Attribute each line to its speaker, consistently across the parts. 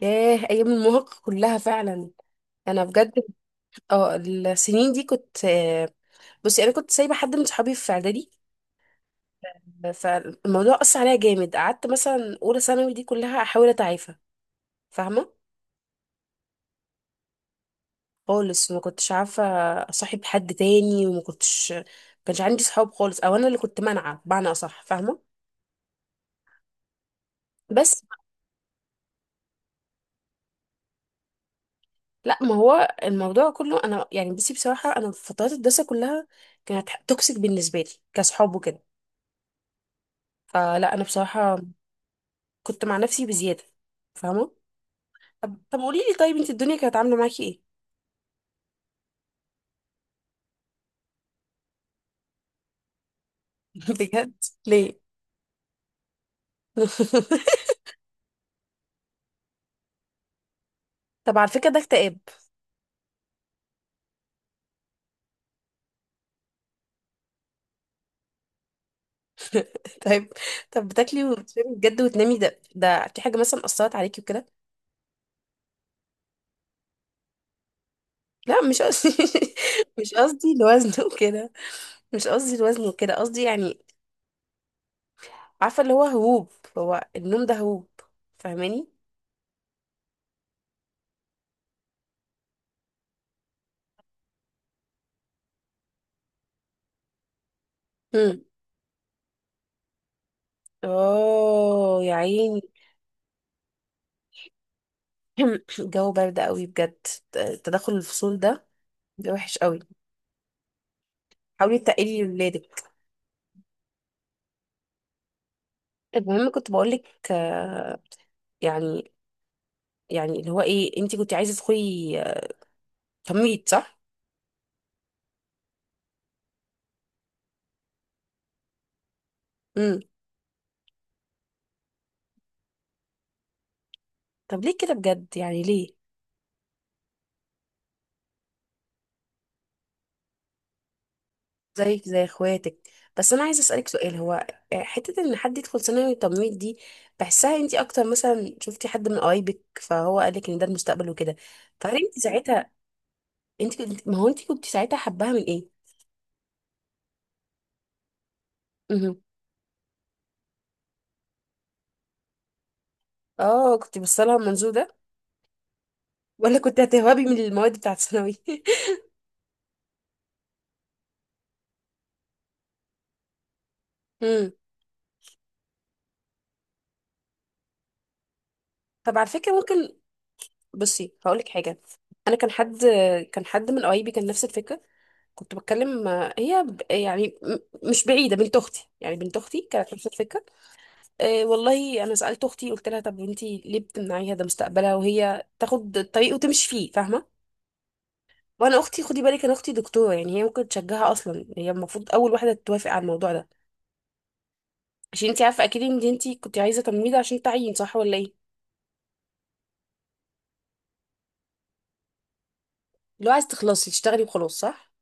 Speaker 1: ياه، ايام المراهقه كلها فعلا. انا بجد كنت- اه السنين دي كنت. بصي انا كنت سايبه حد من صحابي في اعدادي. فالموضوع اثر عليا جامد، قعدت مثلا اولى ثانوي دي كلها احاول اتعافى. فاهمه؟ خالص ما كنتش عارفه اصاحب حد تاني، وما كنتش ما كانش عندي صحاب خالص، او انا اللي كنت مانعه بمعنى اصح، فاهمه؟ بس لا، ما هو الموضوع كله انا يعني، بصي بصراحه انا في فترات الدراسه كلها كانت توكسيك بالنسبه لي كصحاب وكده. فلا انا بصراحه كنت مع نفسي بزيادة، فاهمة؟ طب قولي لي، طيب انت الدنيا كانت عاملة معاكي ايه؟ بجد؟ ليه؟ طب على فكرة ده اكتئاب. طيب. طب بتاكلي وبتشربي بجد وتنامي، ده في حاجة مثلا أثرت عليكي وكده؟ لا مش قصدي. مش قصدي الوزن وكده، مش قصدي الوزن وكده، قصدي يعني عارفة اللي هو هروب، هو النوم ده هروب، فاهماني؟ امم. اه يا عيني. الجو برد قوي بجد، تدخل الفصول ده بيبقى وحش قوي. حاولي تقلي لولادك. المهم كنت بقولك يعني يعني اللي هو ايه، انتي كنت عايزه تدخلي تمريض، صح؟ امم. طب ليه كده بجد؟ يعني ليه؟ زيك زي اخواتك. بس انا عايزه اسالك سؤال، هو حته ان حد يدخل ثانوي تمريض دي بحسها انت اكتر، مثلا شفتي حد من قرايبك فهو قالك ان ده المستقبل وكده؟ فهل انت ساعتها، انت كنت ما هو انت كنت ساعتها حباها من ايه؟ امم. اه، كنت بصلها من المنظور ده، ولا كنت هتهربي من المواد بتاعت ثانوي؟ امم. طب على فكره، ممكن بصي هقولك حاجه. انا كان حد كان حد من قرايبي كان نفس الفكره، كنت بتكلم. هي ب- يعني م- مش بعيده بنت اختي، يعني بنت اختي كانت نفس الفكره. أه والله، انا سالت اختي قلت لها طب انتي ليه بتمنعيها، ده مستقبلها وهي تاخد الطريق وتمشي فيه، فاهمه؟ وانا اختي خدي بالك، انا اختي دكتوره، يعني هي ممكن تشجعها اصلا، هي المفروض اول واحده توافق على الموضوع ده، عشان انتي عارفه اكيد ان انتي كنت عايزه تمريض عشان تعيين، صح ولا ايه؟ لو عايز تخلصي تشتغلي وخلاص، صح؟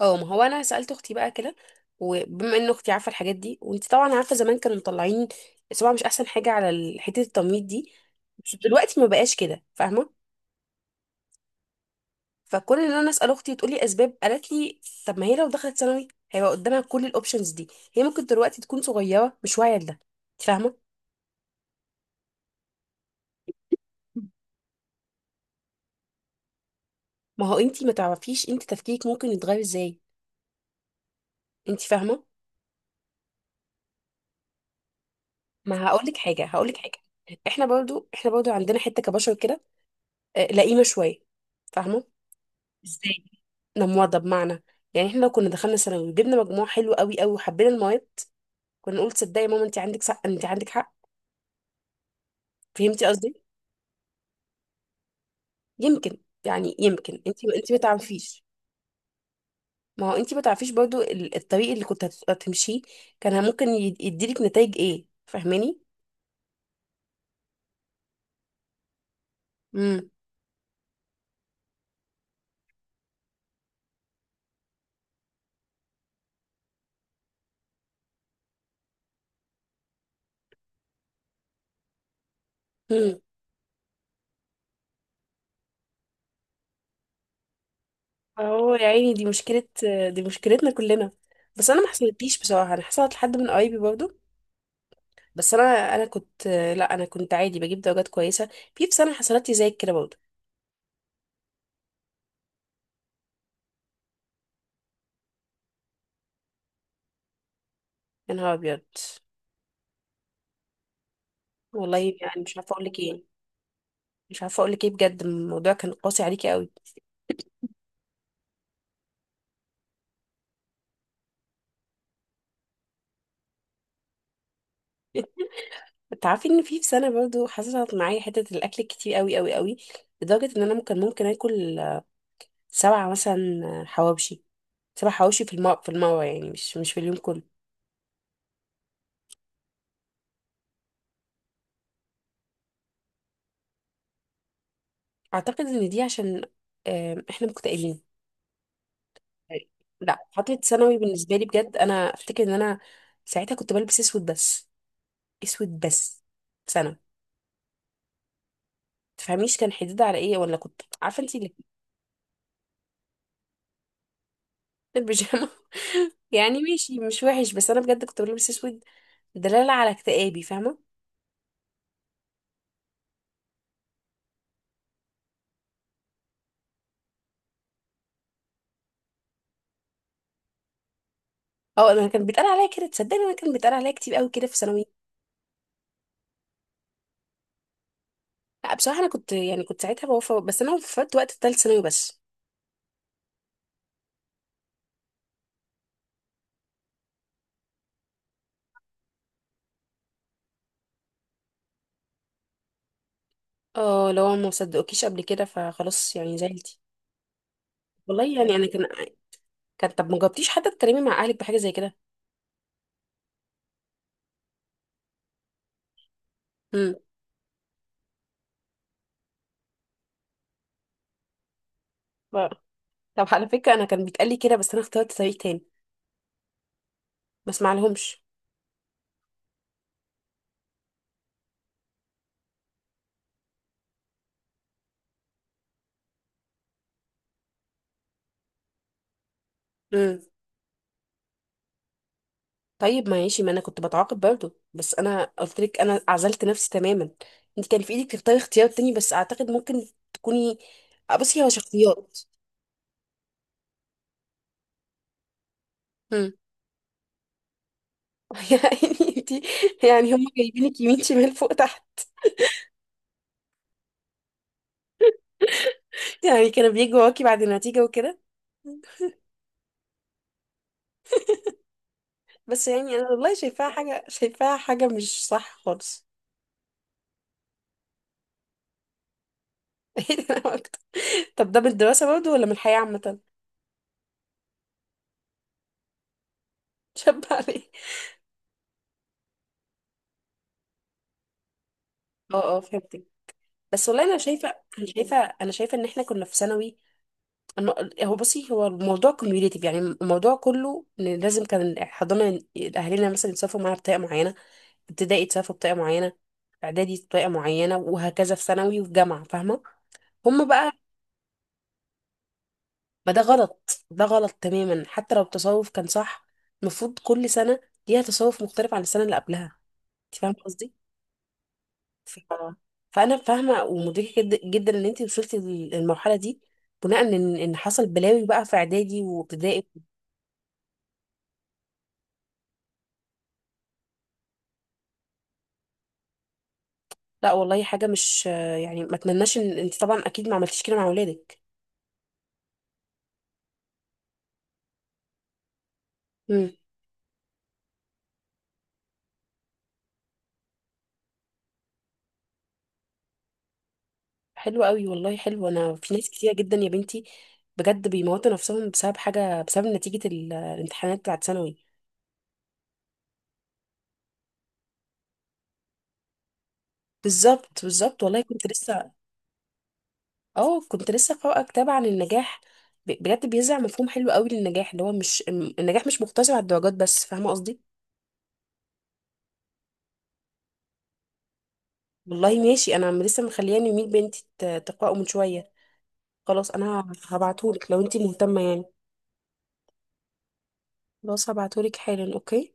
Speaker 1: اه، ما هو انا سالت اختي بقى كده، وبما ان اختي عارفه الحاجات دي، وانت طبعا عارفه زمان كانوا مطلعين صباع مش احسن حاجه على حته التمويل دي، بس دلوقتي ما بقاش كده، فاهمه؟ فكون ان انا اسال اختي وتقولي اسباب، قالت لي طب ما هي لو دخلت ثانوي هيبقى قدامها كل الاوبشنز دي، هي ممكن دلوقتي تكون صغيره مش واعيه لده، انت فاهمه؟ ما هو انت ما تعرفيش انت تفكيرك ممكن يتغير ازاي، انت فاهمه؟ ما هقول لك حاجه هقول لك حاجه، احنا برضو عندنا حته كبشر كده لئيمه شويه، فاهمه؟ نموضة بمعنى، يعني احنا لو كنا دخلنا ثانوي وجبنا مجموع حلو قوي قوي وحبينا المواد، كنا نقول تصدقي يا ماما انت عندك حق، انت عندك حق. فهمتي قصدي؟ يمكن، يعني يمكن انت ما تعرفيش، ما هو انت ما تعرفيش برضو الطريق اللي كنت هتمشيه كان ممكن يديلك نتائج ايه، فاهماني؟ امم. امم. اهو يا عيني، دي مشكلة، دي مشكلتنا كلنا. بس انا ما حصلتليش بصراحة، انا حصلت لحد من قرايبي برضو. بس انا كنت، لا انا كنت عادي بجيب درجات كويسة. في سنة حصلت لي زي كده برضو. يا نهار ابيض، والله يعني مش عارفه اقول لك ايه، مش عارفه اقول لك ايه بجد، الموضوع كان قاسي عليكي قوي. انت عارفه ان في سنه برضو حصلت معايا حته الاكل كتير قوي قوي قوي، لدرجه ان انا ممكن اكل سبعه مثلا حواوشي. سبع حواوشي في المره، يعني مش في اليوم كله. اعتقد ان دي عشان احنا مكتئبين. لا، فتره ثانوي بالنسبه لي بجد انا افتكر ان انا ساعتها كنت بلبس اسود بس، اسود بس. سنه تفهميش كان حديد على ايه، ولا كنت عارفه انت؟ البيجامه. يعني ماشي مش وحش، بس انا بجد كنت بلبس اسود دلاله على اكتئابي، فاهمه؟ اه، انا كان بيتقال عليا كده، تصدقني انا كان بيتقال عليا كتير قوي كده في ثانوي. لا بصراحه انا كنت يعني كنت ساعتها بوفى، بس انا وفت وقت الثالث ثانوي بس. اه، لو ما صدقوكيش قبل كده فخلاص يعني زعلتي. والله يعني انا كان كان طب ما جاوبتيش حتى تتكلمي مع اهلك بحاجه زي كده؟ امم. طب على فكره انا كان بيتقال لي كده، بس انا اخترت طريق تاني، ما اسمعلهمش. طيب ماشي، ما انا كنت بتعاقب برضه، بس انا قلت لك انا عزلت نفسي تماما. انت كان في ايدك تختاري اختيار تاني، بس اعتقد ممكن تكوني بصي هو شخصيات. امم. يعني انتي، يعني هم جايبينك يمين شمال فوق تحت، يعني كانوا بيجوا وراكي بعد النتيجة وكده؟ بس يعني انا والله شايفاها حاجة مش صح خالص. ايه ده، أنا أكتر. طب ده من الدراسة برضه ولا من الحياة عامة؟ شب عليه. اه، اه، فهمتك. بس والله انا شايفة. انا شايفة ان احنا كنا في ثانوي، هو بصي، هو الموضوع كوميوليتيف، يعني الموضوع كله ان لازم كان الحضانه اهالينا مثلا يتصرفوا معانا بطريقه معينه، ابتدائي يتصرفوا بطريقه معينه، اعدادي بطريقه معينه، وهكذا في ثانوي وفي جامعه، فاهمه؟ هم بقى، ما ده غلط، ده غلط تماما، حتى لو التصرف كان صح، المفروض كل سنه ليها تصرف مختلف عن السنه اللي قبلها، انت فاهمه قصدي؟ ف... فانا فاهمه ومدركه جدا ان انت وصلتي للمرحله دي بناء ان حصل بلاوي بقى في اعدادي وابتدائي. لا والله حاجة مش يعني ما اتمناش، ان انت طبعا اكيد ما عملتيش كده مع اولادك. امم. حلو قوي والله، حلو، انا في ناس كتيرة جدا يا بنتي بجد بيموتوا نفسهم بسبب حاجة، بسبب نتيجة الامتحانات بتاعت ثانوي. بالظبط، بالظبط، والله كنت لسه، اه كنت لسه قارئة كتاب عن النجاح بجد بيزرع مفهوم حلو قوي للنجاح، اللي هو مش النجاح مش مقتصر على الدرجات بس، فاهمة قصدي؟ والله ماشي، انا لسه مخلياني يميل بنتي تقرأه من شوية. خلاص انا هبعتهولك لو انت مهتمة يعني. خلاص هبعتهولك حالا، اوكي.